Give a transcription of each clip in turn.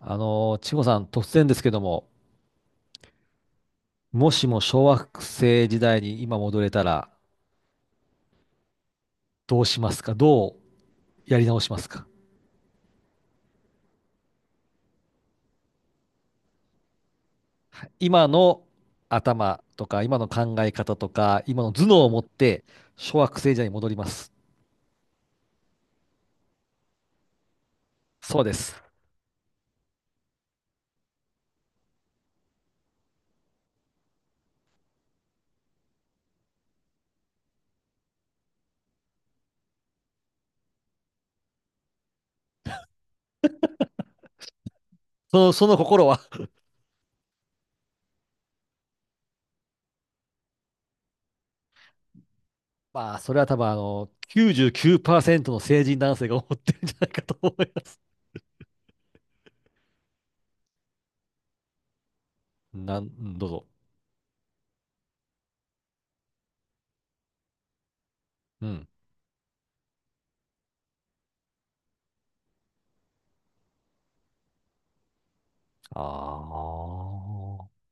千穂さん、突然ですけども、もしも小学生時代に今戻れたら、どうしますか。やり直しますか？今の頭とか、今の考え方とか、今の頭脳を持って、小学生時代に戻ります。そうです。その心は、まあ、それは多分、99%の成人男性が思ってるんじゃないかと思います。うん、どうぞ。うん。ああ。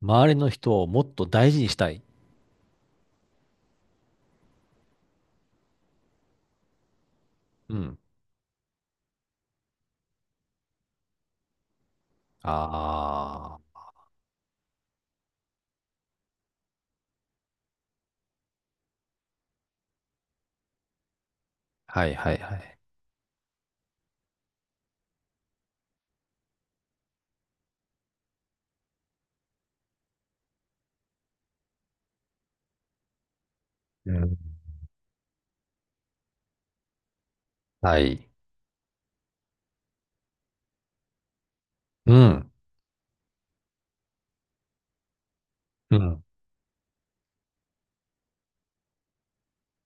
周りの人をもっと大事にしたい。うん。ああ。はいはいはい。うん。はい。うん。うん。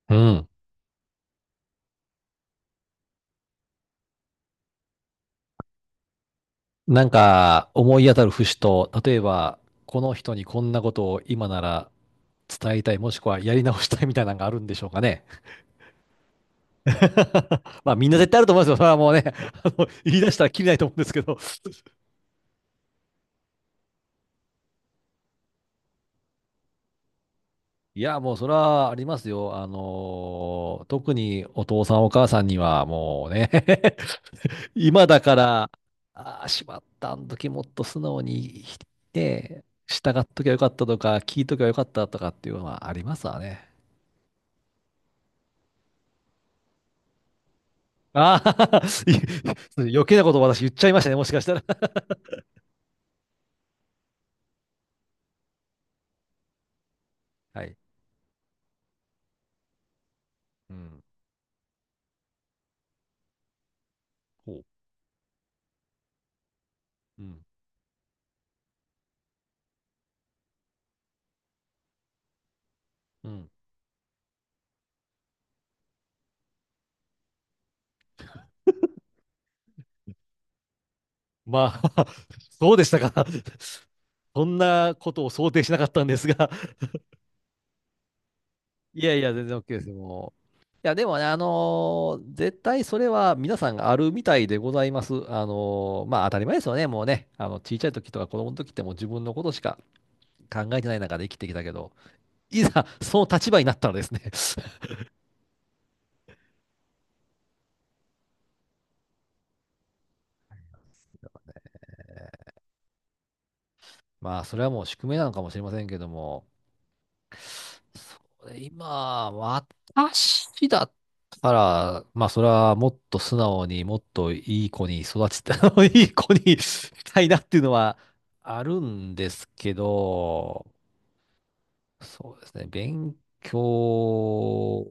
うん。なんか、思い当たる節と、例えば、この人にこんなことを今なら伝えたい、もしくはやり直したいみたいなのがあるんでしょうかね。まあ、みんな絶対あると思いますよ。それはもうね、言い出したらきりないと思うんですけど。いや、もうそれはありますよ。特にお父さんお母さんにはもうね、今だから、ああ、しまった、あの時もっと素直に、ね、従っときゃよかったとか、聞いときゃよかったとかっていうのはありますわね。ああ、余計なことを私言っちゃいましたね、もしかしたら。はい。うん。ほう。うん。うん。まあ、そうでしたか。そんなことを想定しなかったんですが、いやいや、全然 OK ですよ、もう。いや、でもね、絶対それは皆さんがあるみたいでございます。まあ当たり前ですよね、もうね。小さい時とか子供の時ってもう自分のことしか考えてない中で生きてきたけど、いざその立場になったらですね、 まあそれはもう宿命なのかもしれませんけども、そうね、今、私だったら、まあ、それはもっと素直に、もっといい子に育ちた、いい子にしたいなっていうのはあるんですけど、そうですね、勉強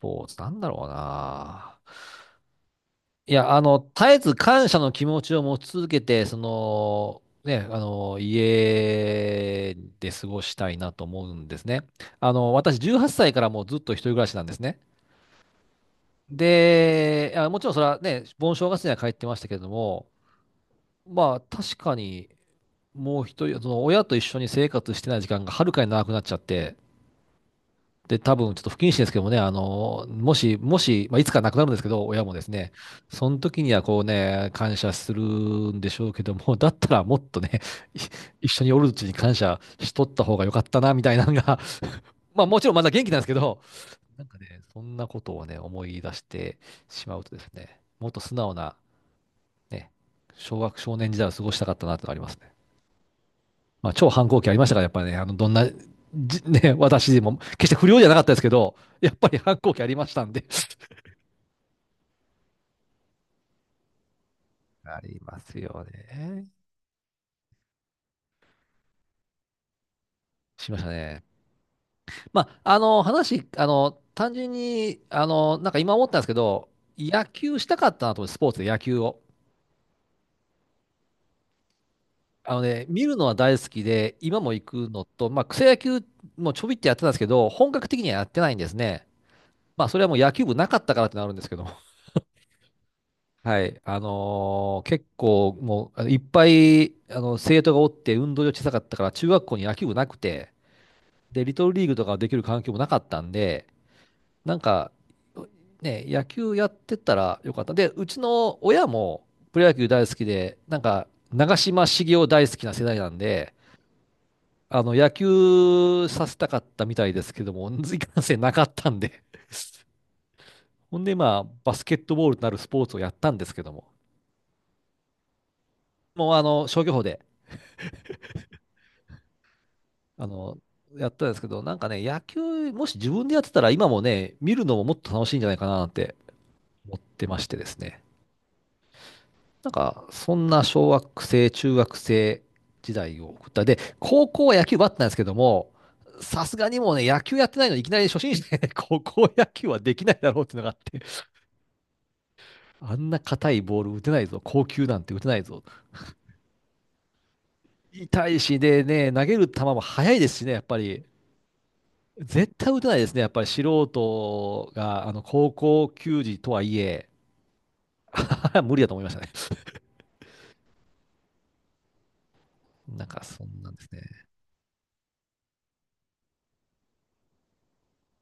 と、なんだろうな。いや、絶えず感謝の気持ちを持ち続けて、その、ね、家で過ごしたいなと思うんですね。あの、私、18歳からもうずっと一人暮らしなんですね。で、あ、もちろんそれはね、盆正月には帰ってましたけれども、まあ、確かに、もう一人、その、親と一緒に生活してない時間がはるかに長くなっちゃって、で、多分ちょっと不謹慎ですけどもね、あの、もし、まあ、いつか亡くなるんですけど、親もですね、その時にはこうね、感謝するんでしょうけども、だったらもっとね、い 一緒におるうちに感謝しとった方が良かったな、みたいなのが、まあもちろんまだ元気なんですけど、なんかね、そんなことをね、思い出してしまうとですね、もっと素直な、ね、小学少年時代を過ごしたかったなってのがありますね。まあ、超反抗期ありましたから、やっぱりね、あの、どんな、じ ね、私でも、決して不良じゃなかったですけど、やっぱり反抗期ありましたんで。ありますよね。しましたね。まあ、単純に、なんか今思ったんですけど、野球したかったなと思って、スポーツで野球を。あのね、見るのは大好きで、今も行くのと、まあ、草野球もちょびってやってたんですけど、本格的にはやってないんですね。まあ、それはもう野球部なかったからってなるんですけど、はい。結構もう、あのいっぱい、あの、生徒がおって、運動場小さかったから、中学校に野球部なくて、で、リトルリーグとかできる環境もなかったんで、なんか、ね、野球やってたらよかった。で、うちの親もプロ野球大好きで、なんか、長嶋茂雄大好きな世代なんで、野球させたかったみたいですけども、いかんせんなかったんで。 ほんで、まあ、バスケットボールとなるスポーツをやったんですけども、もう、消去法で、あの、やったんですけど、なんかね、野球、もし自分でやってたら、今もね、見るのももっと楽しいんじゃないかなって思ってましてですね。なんか、そんな小学生、中学生時代を送った。で、高校は野球部あったんですけども、さすがにもうね、野球やってないのにいきなり初心者でね、高校野球はできないだろうっていうのがあって、あんな硬いボール打てないぞ、高級なんて打てないぞ。痛いしでね、投げる球も速いですしね、やっぱり。絶対打てないですね。やっぱり素人が、高校球児とはいえ、無理だと思いましたね。なんか、そんなんですね。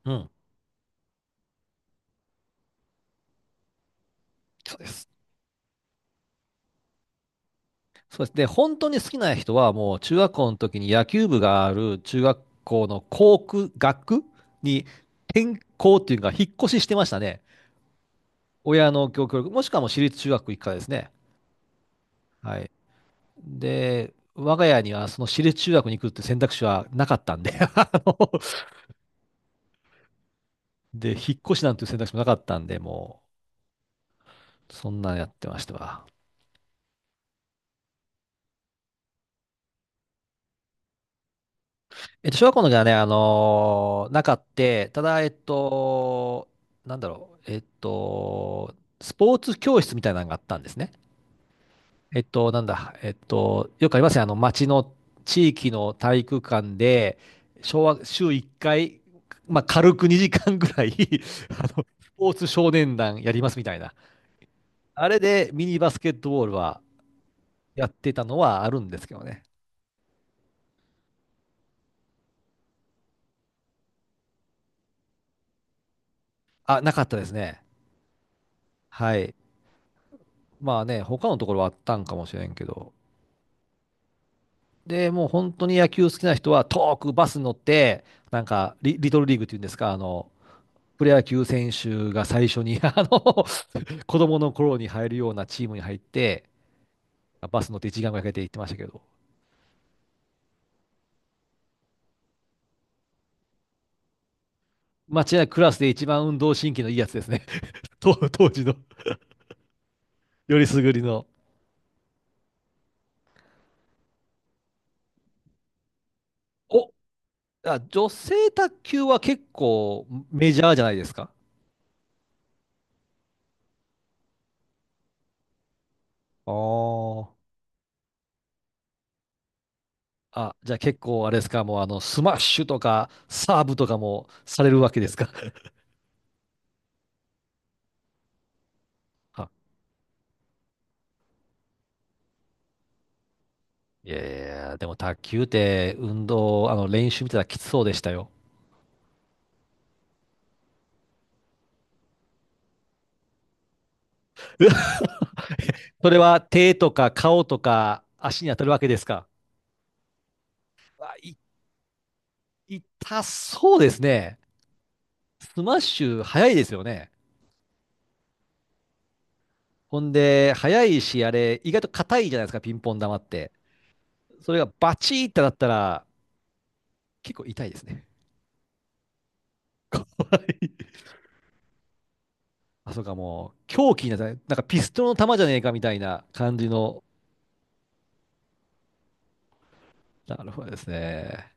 うん。そうです。そうです。で、本当に好きな人は、もう、中学校の時に野球部がある中学校の校区、学区に転校っていうか、引っ越ししてましたね。親の教育、もしくはもう私立中学行くからですね。はい。で、我が家にはその私立中学に行くって選択肢はなかったんで、で、引っ越しなんていう選択肢もなかったんで、もう、そんなんやってましたわ。小学校の時はね、なかって、ただ、なんだろう、えっと、スポーツ教室みたいなのがあったんですね。えっと、なんだ、えっと、よくありますね、町の地域の体育館で、小学、週1回、まあ、軽く2時間ぐらい、 あの、スポーツ少年団やりますみたいな。あれでミニバスケットボールはやってたのはあるんですけどね。あ、なかったですね。はい。まあね、他のところはあったんかもしれんけど。で、もう本当に野球好きな人は遠くバスに乗って、リトルリーグっていうんですか、プロ野球選手が最初に、子供の頃に入るようなチームに入って、バス乗って一時間ぐらいかけて行ってましたけど、間違いなくクラスで一番運動神経のいいやつですね。当時の、よりすぐりの。お、あ、女性卓球は結構メジャーじゃないですか。ああ。あ、じゃあ結構あれですか、もうスマッシュとか、サーブとかもされるわけですか。あ、いやいやいや、でも卓球って運動、練習見てたらきつそうでしたよ。それは手とか顔とか足に当たるわけですか。あ、い、痛そうですね。スマッシュ早いですよね。ほんで、早いし、あれ、意外と硬いじゃないですか、ピンポン玉って。それがバチーってなったら、結構痛いですね。怖い。あ、そうか、もう、狂気になったね。なんかピストルの弾じゃねえかみたいな感じの、なるほどですね。